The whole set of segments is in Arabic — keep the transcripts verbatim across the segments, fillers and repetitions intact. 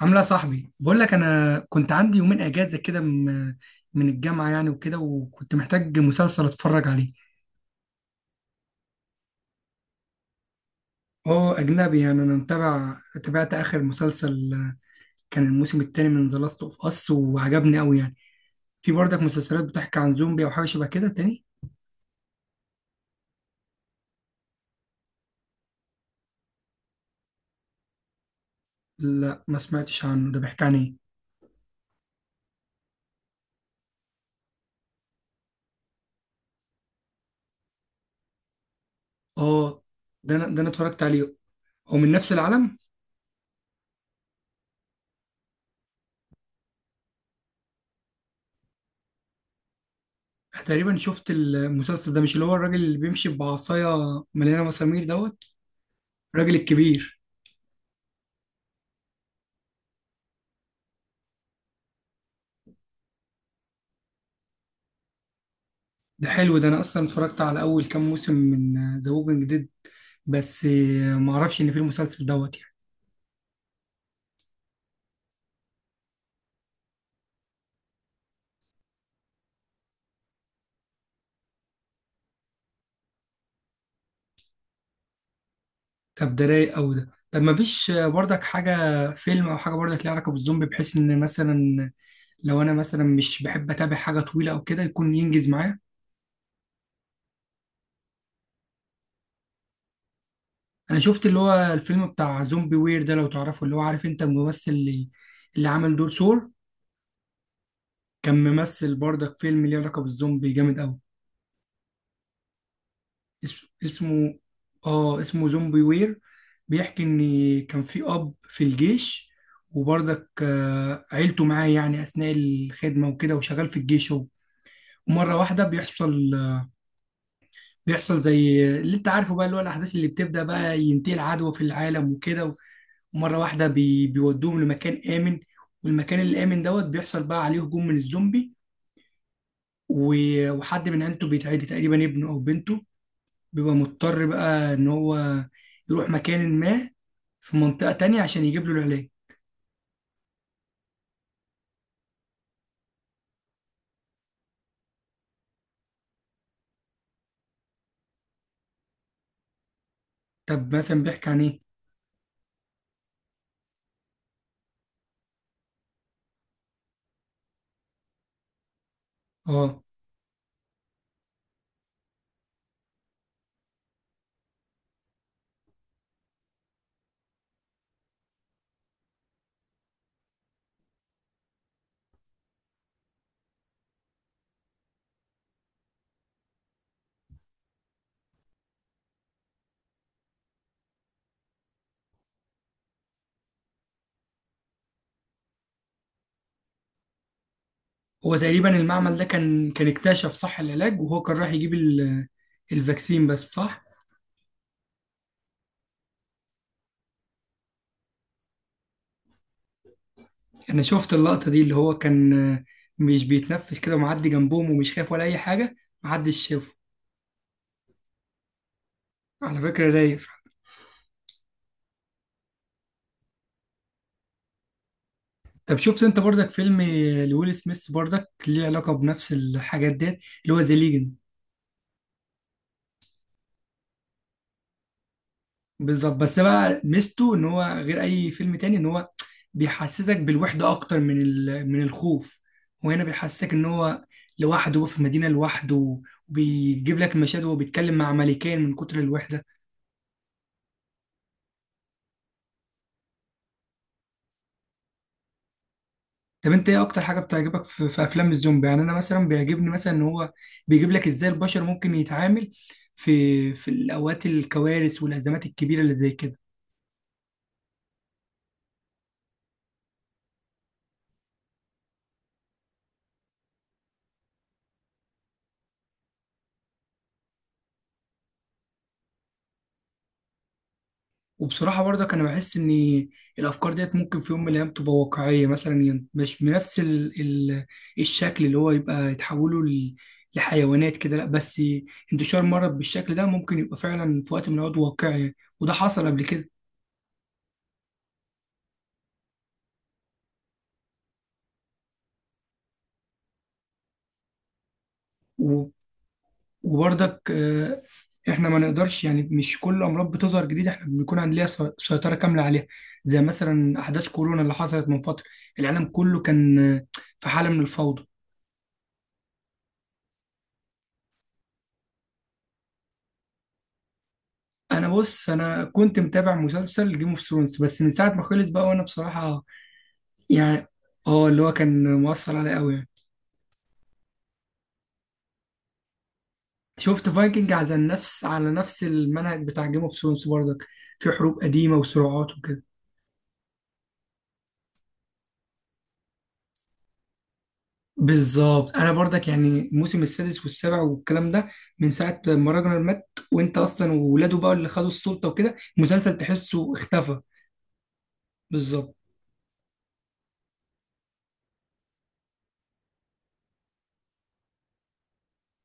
عامله إيه يا صاحبي؟ بقول لك انا كنت عندي يومين اجازه كده من من الجامعه يعني، وكده، وكنت محتاج مسلسل اتفرج عليه. اه اجنبي. يعني انا متابع تابعت اخر مسلسل كان الموسم الثاني من ذا لاست اوف اس، وعجبني قوي يعني. في برضك مسلسلات بتحكي عن زومبي او حاجه شبه كده تاني؟ لا، ما سمعتش عنه. ده بيحكي عن ايه؟ اه، ده انا ده انا اتفرجت عليه. هو من نفس العالم؟ تقريبا شفت المسلسل ده. مش اللي هو الراجل اللي بيمشي بعصايه مليانه مسامير دوت؟ الراجل الكبير؟ ده حلو. ده انا اصلا اتفرجت على اول كام موسم من ذا ووكينج ديد، بس ما اعرفش ان في المسلسل دوت يعني. طب ده رايق قوي ده. طب ما فيش برضك حاجه، فيلم او حاجه برضك ليها علاقه بالزومبي، بحيث ان مثلا لو انا مثلا مش بحب اتابع حاجه طويله او كده، يكون ينجز معايا؟ انا شفت اللي هو الفيلم بتاع زومبي وير، ده لو تعرفه، اللي هو عارف انت الممثل اللي اللي عمل دور سور، كان ممثل برضك فيلم ليه علاقه بالزومبي جامد قوي. اس- اسمه اه، اسمه زومبي وير. بيحكي ان كان في اب في الجيش، وبرضك آه، عيلته معاه يعني اثناء الخدمه وكده، وشغال في الجيش هو. ومره واحده بيحصل بيحصل زي اللي انت عارفه بقى، اللي هو الاحداث اللي بتبدا بقى، ينتهي العدوى في العالم وكده. ومره واحده بي... بيودوهم لمكان امن، والمكان الامن دوت بيحصل بقى عليه هجوم من الزومبي. و... وحد من عيلته بيتعدي، تقريبا ابنه او بنته، بيبقى مضطر بقى ان هو يروح مكان ما في منطقة تانية عشان يجيب له العلاج. طب مثلا بيحكي عن ايه؟ اه، هو تقريبا المعمل ده كان كان اكتشف صح العلاج، وهو كان رايح يجيب ال- الفاكسين بس، صح؟ انا شفت اللقطة دي اللي هو كان آه، مش بيتنفس كده ومعدي جنبهم ومش خايف ولا اي حاجة، محدش شافه. على فكرة رايق فعلا. طب شفت انت برضك فيلم لويل سميث برضك ليه علاقة بنفس الحاجات ديت، اللي هو ذا ليجن؟ بالظبط، بس بقى ميزته ان هو غير اي فيلم تاني، ان هو بيحسسك بالوحده اكتر من ال- من الخوف، وهنا بيحسسك ان هو لوحده في مدينه لوحده، وبيجيب لك مشاهد وهو بيتكلم مع ملكين من كتر الوحده. طب انت ايه اكتر حاجه بتعجبك في, في افلام الزومبي؟ يعني انا مثلا بيعجبني مثلا ان هو بيجيب لك ازاي البشر ممكن يتعامل في في الاوقات الكوارث والازمات الكبيره اللي زي كده. وبصراحة برضك أنا بحس إن الأفكار ديت ممكن في يوم من الأيام تبقى واقعية، مثلا يعني مش بنفس ال ال الشكل اللي هو يبقى يتحولوا ل- لحيوانات كده، لأ، بس انتشار مرض بالشكل ده ممكن يبقى فعلا في وقت من الأوقات واقعي، وده حصل قبل كده. و- وبرضك آه، إحنا ما نقدرش يعني مش كل أمراض بتظهر جديدة إحنا بنكون عندنا سي- سيطرة كاملة عليها. زي مثلا أحداث كورونا اللي حصلت من فترة، العالم كله كان آه، في حالة من الفوضى. انا بص، انا كنت متابع مسلسل جيم اوف ثرونز، بس من ساعه ما خلص بقى، وانا بصراحه يعني، اه، اللي هو كان مؤثر عليا قوي يعني. شفت فايكنج على نفس على نفس المنهج بتاع جيم اوف ثرونز برضك، في حروب قديمه وصراعات وكده. بالظبط، انا برضك يعني الموسم السادس والسابع والكلام ده من ساعه ما راجنر مات وانت اصلا، وولاده بقى اللي خدوا السلطه وكده، المسلسل تحسه اختفى. بالظبط.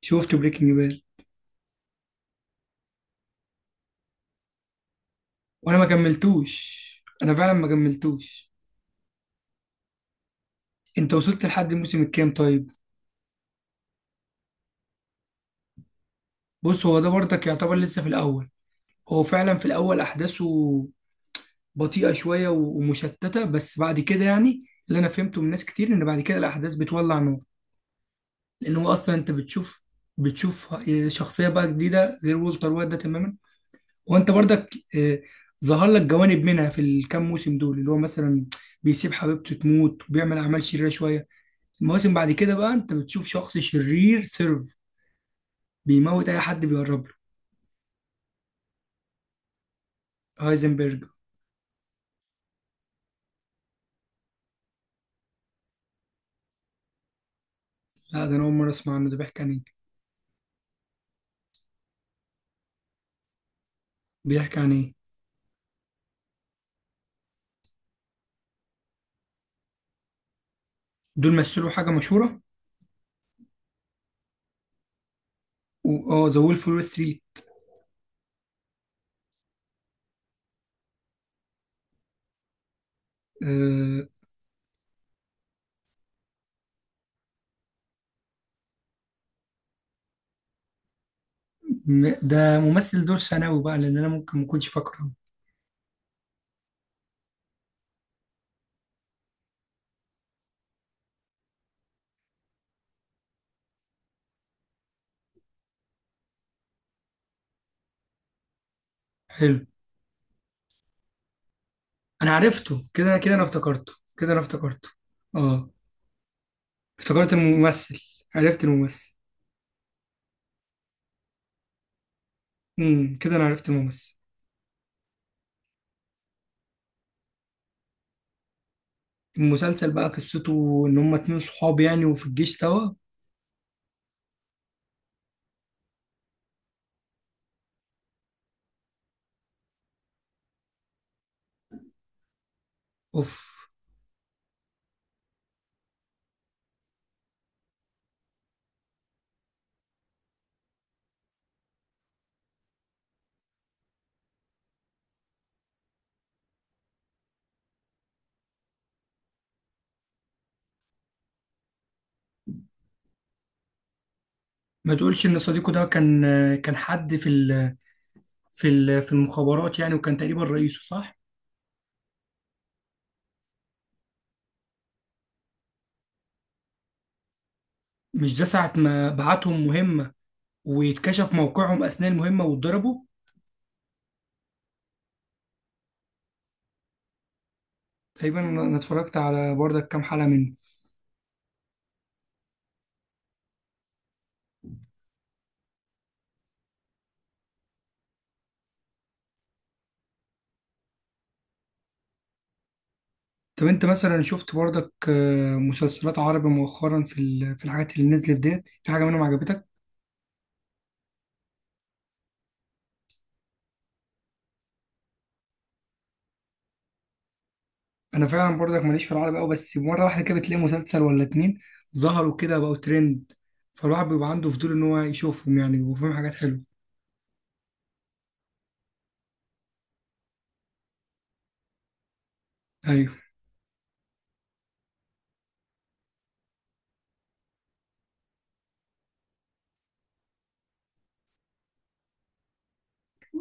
شفت بريكنج باد، وانا ما كملتوش. انا فعلا ما كملتوش. انت وصلت لحد الموسم الكام طيب؟ بص، هو ده برضك يعتبر لسه في الاول، هو فعلا في الاول احداثه بطيئة شوية و- ومشتتة، بس بعد كده يعني اللي انا فهمته من ناس كتير ان بعد كده الاحداث بتولع نور. لان هو اصلا انت بتشوف بتشوف شخصية بقى جديدة غير وولتر وايت ده تماما، وانت برضك آه، ظهر لك جوانب منها في الكام موسم دول، اللي هو مثلا بيسيب حبيبته تموت وبيعمل اعمال شريرة شوية. المواسم بعد كده بقى انت بتشوف شخص شرير سيرف بيموت اي حد بيقرب له. هايزنبرج. لا، ده انا اول مره اسمع عنه. ده بيحكي عن ايه؟ بيحكي عن ايه دول مثلوا حاجه مشهوره، و- اه، ذا وولف وول ستريت. آه، م- ده ممثل دور ثانوي بقى لان انا ممكن ما اكونش فاكره. حلو. انا عرفته كده كده، انا افتكرته كده، انا افتكرته. اه، افتكرت الممثل. عرفت الممثل. امم كده انا عرفت الممثل. المسلسل بقى قصته ان هما اتنين صحاب يعني، وفي الجيش سوا. اوف. ما تقولش ان صديقه ده كان كان حد في ال في ال في المخابرات يعني، وكان تقريبا رئيسه، صح؟ مش ده ساعة ما بعتهم مهمة ويتكشف موقعهم أثناء المهمة واتضربوا. تقريبا أنا أنا اتفرجت على بردك كام حلقة منه. طب أنت مثلا شفت بردك آه، مسلسلات عربي مؤخرا، في ال- في الحاجات اللي نزلت ديت في حاجة منهم عجبتك؟ أنا فعلا بردك ماليش في العربي أوي، بس مرة واحدة كده بتلاقي مسلسل ولا اتنين ظهروا كده بقوا ترند، فالواحد بيبقى عنده فضول إن هو يشوفهم يعني، بيبقوا فيهم حاجات حلوة. أيوه.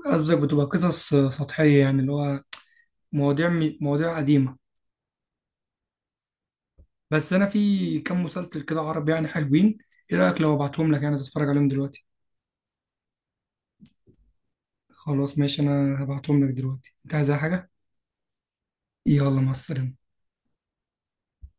قصدك بتبقى قصص آه، سطحية، يعني اللي هو مواضيع مواضيع قديمة. بس انا في كام مسلسل كده عربي يعني حلوين. ايه رايك لو ابعتهم لك انا تتفرج عليهم دلوقتي؟ خلاص، ماشي. انا هبعتهم لك دلوقتي. انت عايز أي حاجه؟ يلا، مع السلامه.